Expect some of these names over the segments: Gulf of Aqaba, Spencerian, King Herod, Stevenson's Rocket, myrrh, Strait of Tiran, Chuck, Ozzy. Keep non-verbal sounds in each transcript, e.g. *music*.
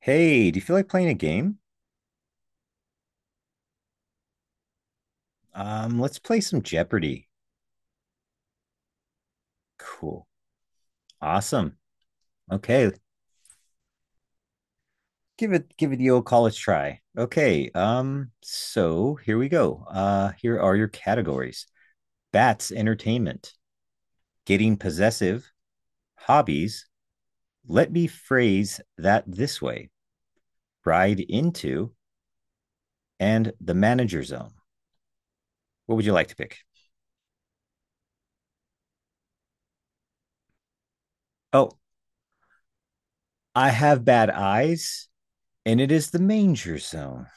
Hey, do you feel like playing a game? Let's play some Jeopardy. Cool. Awesome. Okay, give it the old college try. Okay, so here we go. Here are your categories. Bats entertainment, getting possessive, hobbies, let me phrase that this way, ride into, and the manager zone. What would you like to pick? Oh, I have bad eyes, and it is the manger zone.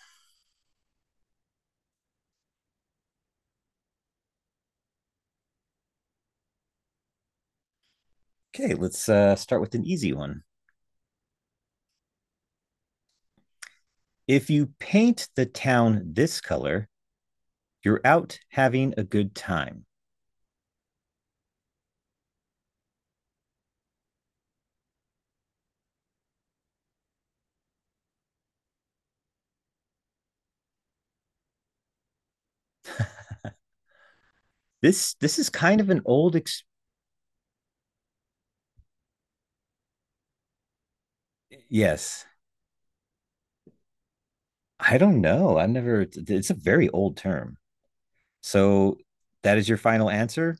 Okay, let's start with an easy one. If you paint the town this color, you're out having a good time. This is kind of an yes. I don't know. I've never It's a very old term. So that is your final answer?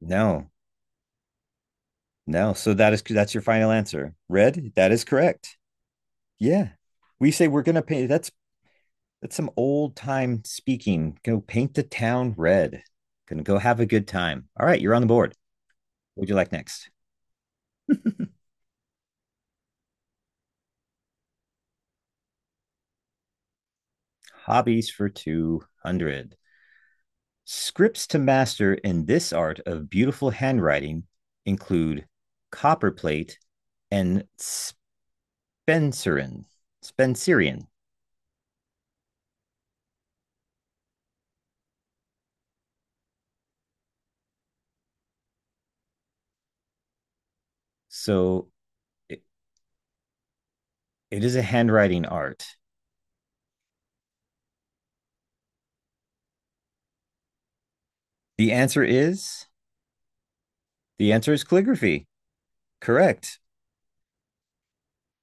No. No. So that is that's your final answer. Red, that is correct. Yeah. We say we're gonna paint that's some old time speaking. Go paint the town red. Gonna go have a good time. All right, you're on the board. What would you like next? Hobbies for 200. Scripts to master in this art of beautiful handwriting include copperplate and Spencerian. Spencerian. So it, it is a handwriting art. The answer is the answer is calligraphy. Correct.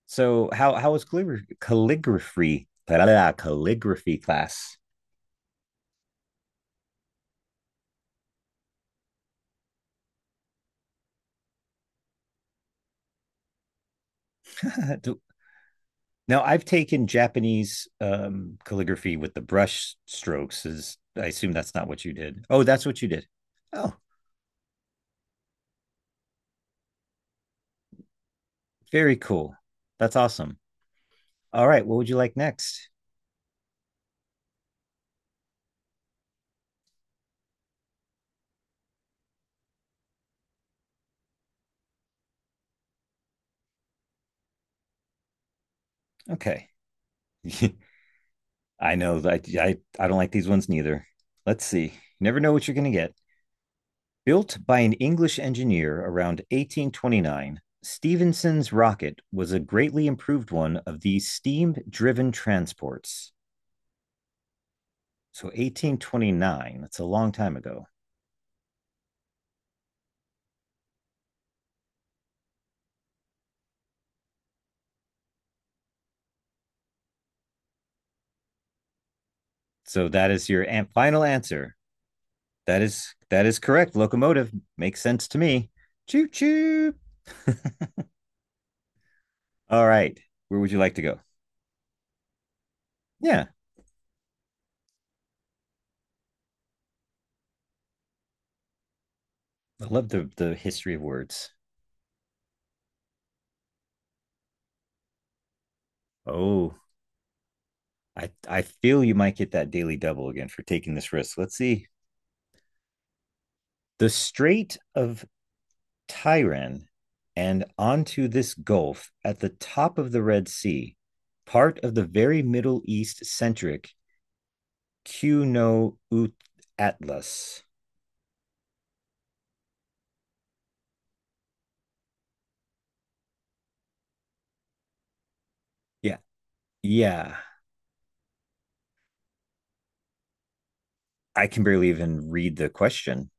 So how was calligraphy calligraphy blah, blah, blah, calligraphy class? *laughs* Do- Now, I've taken Japanese calligraphy with the brush strokes. Is I assume that's not what you did. Oh, that's what you did. Oh, very cool. That's awesome. All right, what would you like next? Okay, *laughs* I know that I don't like these ones neither. Let's see. You never know what you're going to get. Built by an English engineer around 1829, Stevenson's rocket was a greatly improved one of these steam driven transports. So 1829, that's a long time ago. So that is your final answer. That is correct. Locomotive makes sense to me. Choo choo. *laughs* All right. Where would you like to go? Yeah, I love the history of words. Oh, I feel you might get that daily double again for taking this risk. Let's see. The Strait of Tyran and onto this gulf at the top of the Red Sea, part of the very Middle East centric Q no Ut Atlas. Yeah. Yeah. I can barely even read the question.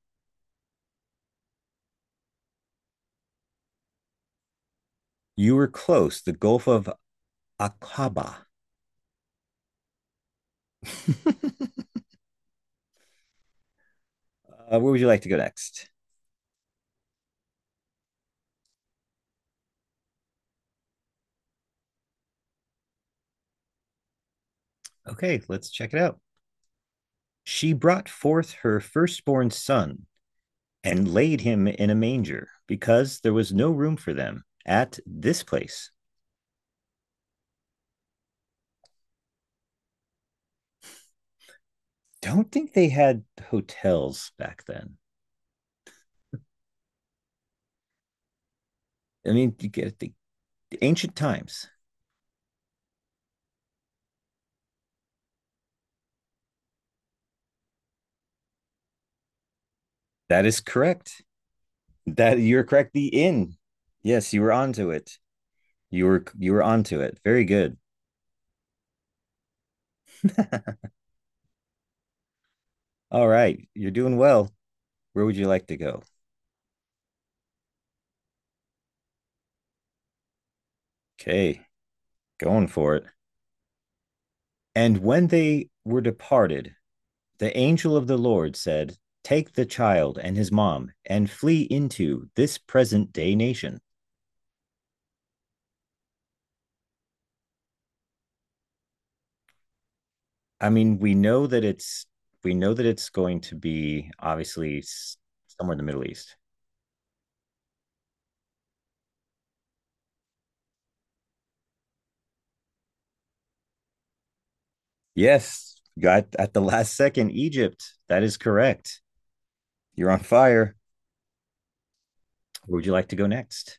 You were close. The Gulf of Aqaba. *laughs* uh, where would you like to go next? Okay, let's check it out. She brought forth her firstborn son and laid him in a manger because there was no room for them at this place. Don't think they had hotels back then. I mean, you get the ancient times. That is correct. That You're correct. The inn. Yes, you were onto it. You were onto it. Very good. *laughs* All right, you're doing well. Where would you like to go? Okay, going for it. And when they were departed, the angel of the Lord said, Take the child and his mom and flee into this present day nation. I mean, we know that it's going to be obviously somewhere in the Middle East. Yes, got at the last second Egypt. That is correct. You're on fire. Where would you like to go next?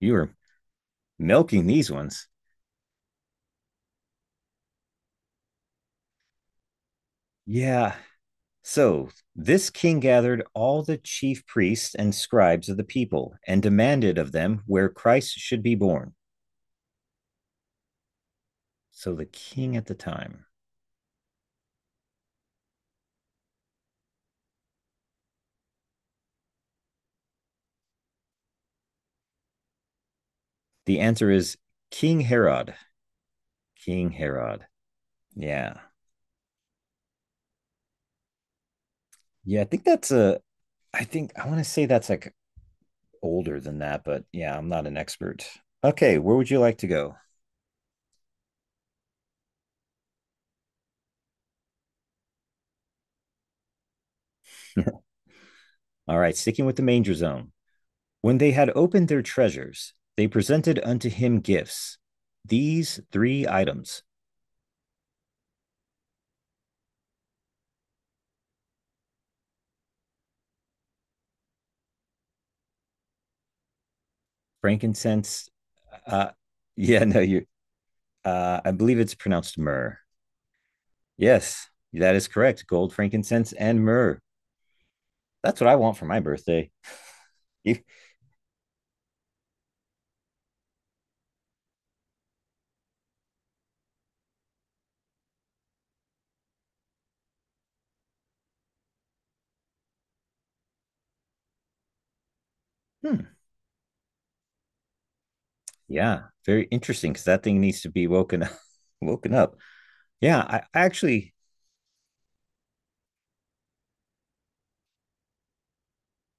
You were milking these ones. Yeah, so this king gathered all the chief priests and scribes of the people and demanded of them where Christ should be born. So the king at the time. The answer is King Herod. King Herod. Yeah. Yeah, I think that's a I think I want to say that's like older than that, but yeah, I'm not an expert. Okay, where would you like to go? *laughs* All right, sticking with the manger zone. When they had opened their treasures, they presented unto him gifts, these three items frankincense. Uh, uh, yeah, no, you. I believe it's pronounced myrrh. Yes, that is correct. Gold, frankincense, and myrrh. That's what I want for my birthday. You- hmm, yeah, very interesting because that thing needs to be woken up. *laughs* Woken up. Yeah, I actually,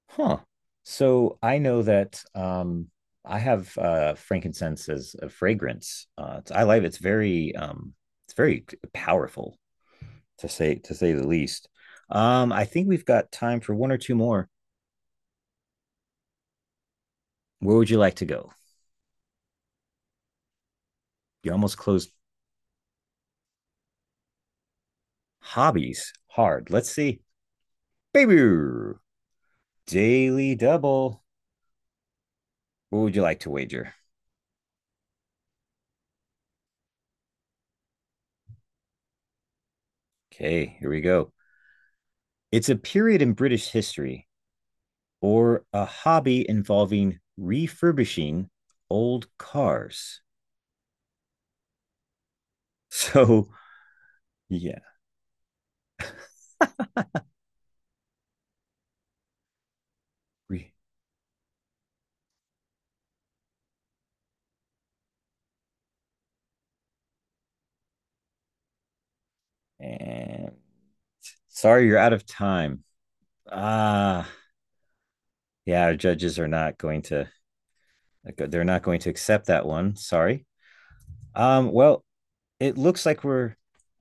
huh. So I know that I have frankincense as a fragrance. I like it. It's Very it's very powerful. To say to say the least. I think we've got time for one or two more. Where would you like to go? You almost closed hobbies hard. Let's see. Baby Daily Double. What would you like to wager? Okay, here we go. It's a period in British history or a hobby involving refurbishing old cars. *laughs* So, yeah. And sorry, you're out of time. Ah, yeah, our judges are not going to like, they're not going to accept that one. Sorry. Well, it looks like we're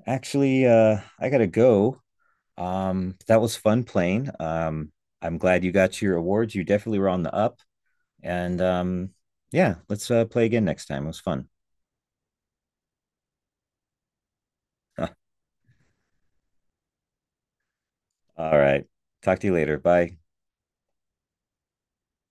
actually I gotta go. That was fun playing. I'm glad you got your awards. You definitely were on the up. And yeah, let's play again next time. It was fun. *laughs* All right. Talk to you later. Bye.